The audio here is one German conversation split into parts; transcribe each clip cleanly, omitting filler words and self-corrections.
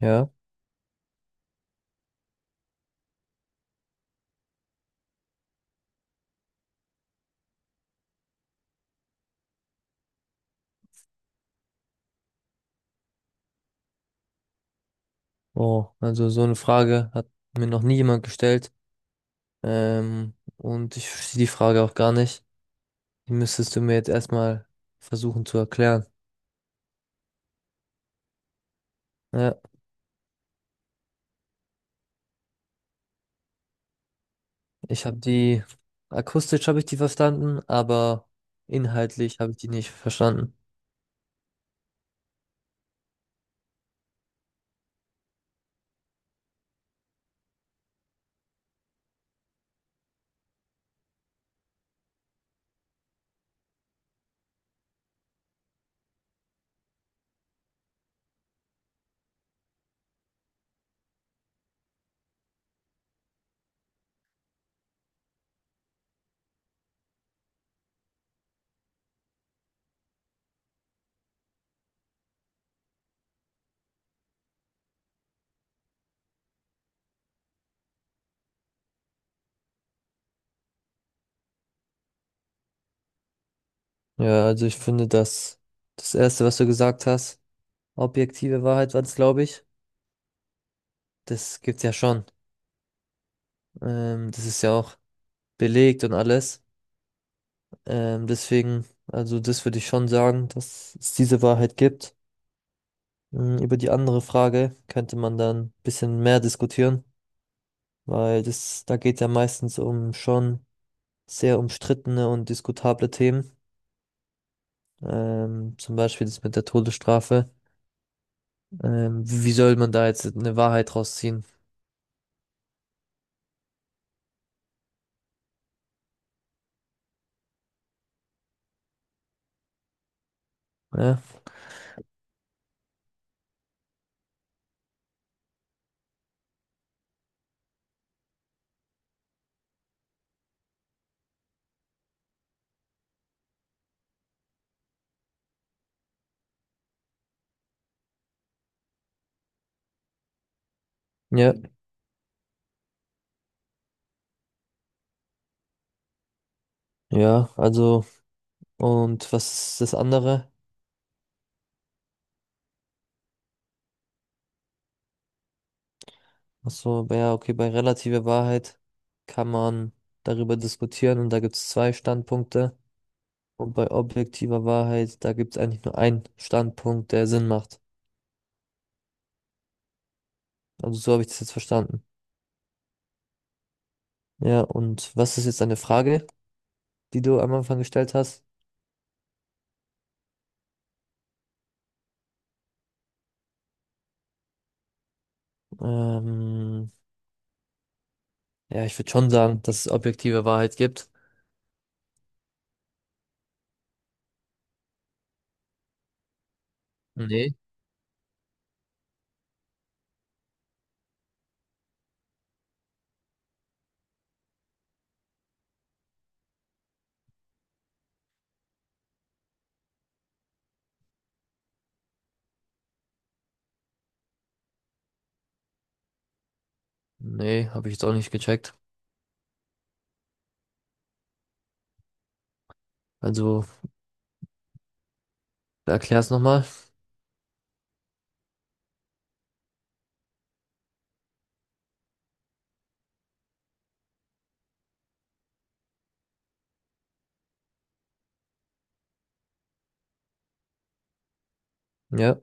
Ja, oh, also so eine Frage hat mir noch nie jemand gestellt. Und ich verstehe die Frage auch gar nicht. Die müsstest du mir jetzt erstmal versuchen zu erklären. Ja, ich habe die, akustisch habe ich die verstanden, aber inhaltlich habe ich die nicht verstanden. Ja, also ich finde, dass das Erste, was du gesagt hast, objektive Wahrheit war es, glaube ich. Das gibt's ja schon. Das ist ja auch belegt und alles. Deswegen, also das würde ich schon sagen, dass es diese Wahrheit gibt. Über die andere Frage könnte man dann ein bisschen mehr diskutieren, weil das, da geht ja meistens um schon sehr umstrittene und diskutable Themen. Zum Beispiel das mit der Todesstrafe. Wie soll man da jetzt eine Wahrheit rausziehen? Ja, ja, ja, also, und was ist das andere? Achso, aber ja, okay, bei relativer Wahrheit kann man darüber diskutieren und da gibt es zwei Standpunkte. Und bei objektiver Wahrheit, da gibt es eigentlich nur einen Standpunkt, der Sinn macht. Also so habe ich das jetzt verstanden. Ja, und was ist jetzt deine Frage, die du am Anfang gestellt hast? Ähm, ja, ich würde schon sagen, dass es objektive Wahrheit gibt. Nee. Nee, habe ich jetzt auch nicht gecheckt. Also, erklär's nochmal. Ja.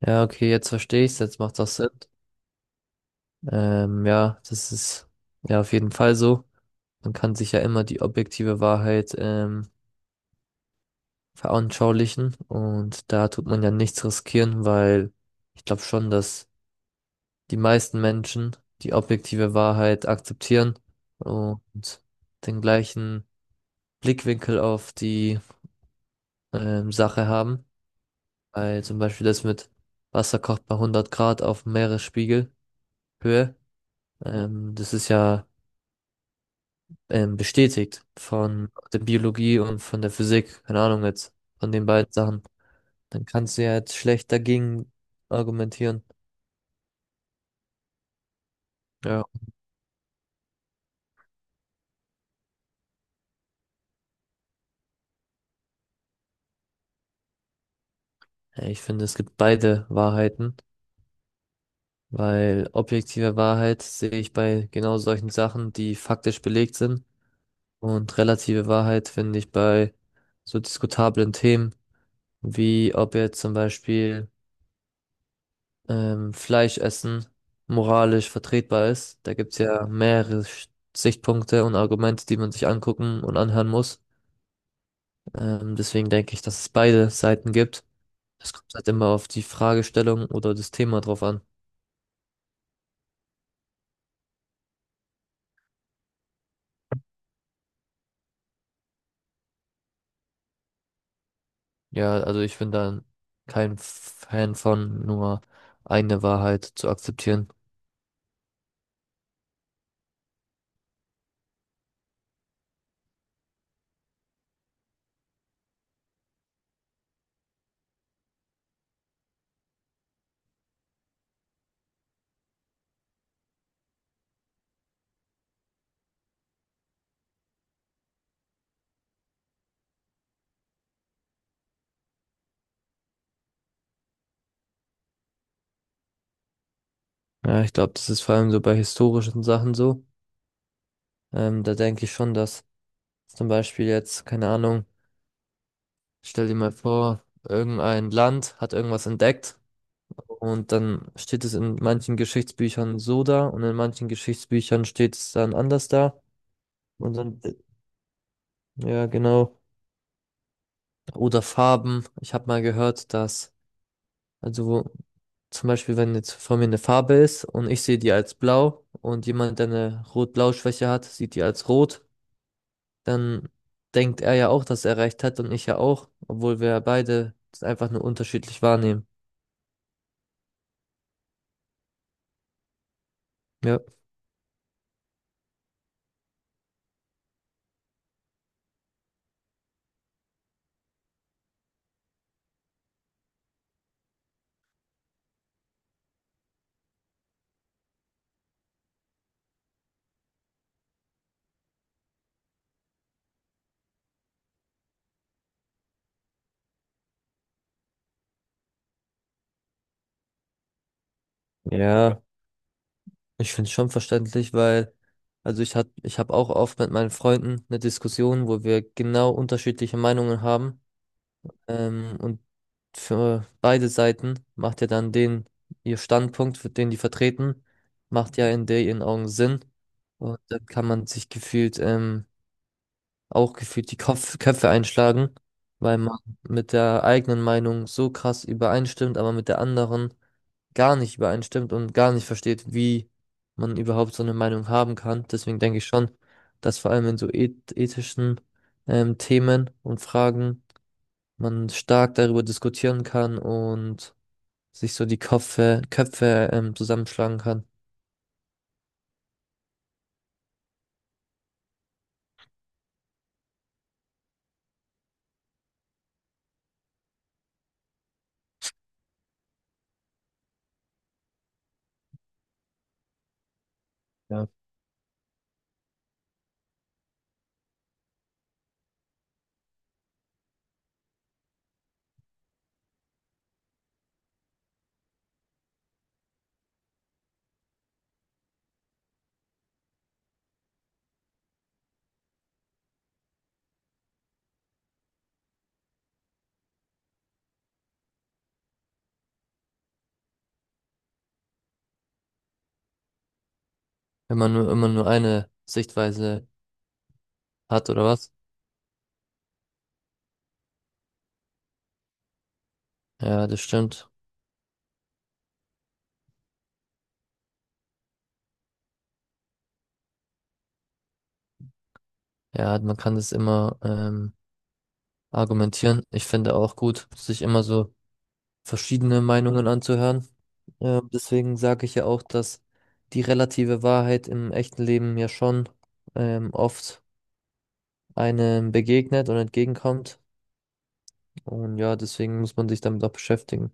Ja, okay, jetzt verstehe ich's, jetzt macht das Sinn. Ja, das ist ja auf jeden Fall so. Man kann sich ja immer die objektive Wahrheit veranschaulichen und da tut man ja nichts riskieren, weil ich glaube schon, dass die meisten Menschen die objektive Wahrheit akzeptieren und den gleichen Blickwinkel auf die Sache haben. Weil zum Beispiel das mit Wasser kocht bei 100 Grad auf Meeresspiegelhöhe. Das ist ja bestätigt von der Biologie und von der Physik, keine Ahnung jetzt, von den beiden Sachen, dann kannst du ja jetzt schlecht dagegen argumentieren. Ja, ja, ich finde, es gibt beide Wahrheiten, weil objektive Wahrheit sehe ich bei genau solchen Sachen, die faktisch belegt sind, und relative Wahrheit finde ich bei so diskutablen Themen, wie ob jetzt zum Beispiel Fleisch essen moralisch vertretbar ist. Da gibt's ja mehrere Sichtpunkte und Argumente, die man sich angucken und anhören muss. Deswegen denke ich, dass es beide Seiten gibt. Es kommt halt immer auf die Fragestellung oder das Thema drauf an. Ja, also ich bin da kein Fan von, nur eine Wahrheit zu akzeptieren. Ja, ich glaube, das ist vor allem so bei historischen Sachen so. Da denke ich schon, dass zum Beispiel jetzt, keine Ahnung, stell dir mal vor, irgendein Land hat irgendwas entdeckt und dann steht es in manchen Geschichtsbüchern so da und in manchen Geschichtsbüchern steht es dann anders da. Und dann, ja, genau. Oder Farben. Ich habe mal gehört, dass, also wo, zum Beispiel, wenn jetzt vor mir eine Farbe ist und ich sehe die als blau und jemand, der eine Rot-Blau-Schwäche hat, sieht die als rot, dann denkt er ja auch, dass er recht hat und ich ja auch, obwohl wir beide das einfach nur unterschiedlich wahrnehmen. Ja. Ja, ich finde es schon verständlich, weil, ich habe auch oft mit meinen Freunden eine Diskussion, wo wir genau unterschiedliche Meinungen haben. Und für beide Seiten macht ja dann den, ihr Standpunkt, für den die vertreten, macht ja in der ihren Augen Sinn. Und dann kann man sich gefühlt, auch gefühlt die Kopf Köpfe einschlagen, weil man mit der eigenen Meinung so krass übereinstimmt, aber mit der anderen gar nicht übereinstimmt und gar nicht versteht, wie man überhaupt so eine Meinung haben kann. Deswegen denke ich schon, dass vor allem in so ethischen Themen und Fragen man stark darüber diskutieren kann und sich so die Köpfe zusammenschlagen kann. Ja. Wenn man nur immer nur eine Sichtweise hat oder was. Ja, das stimmt. Ja, man kann das immer argumentieren. Ich finde auch gut, sich immer so verschiedene Meinungen anzuhören. Deswegen sage ich ja auch, dass die relative Wahrheit im echten Leben ja schon oft einem begegnet und entgegenkommt. Und ja, deswegen muss man sich damit auch beschäftigen.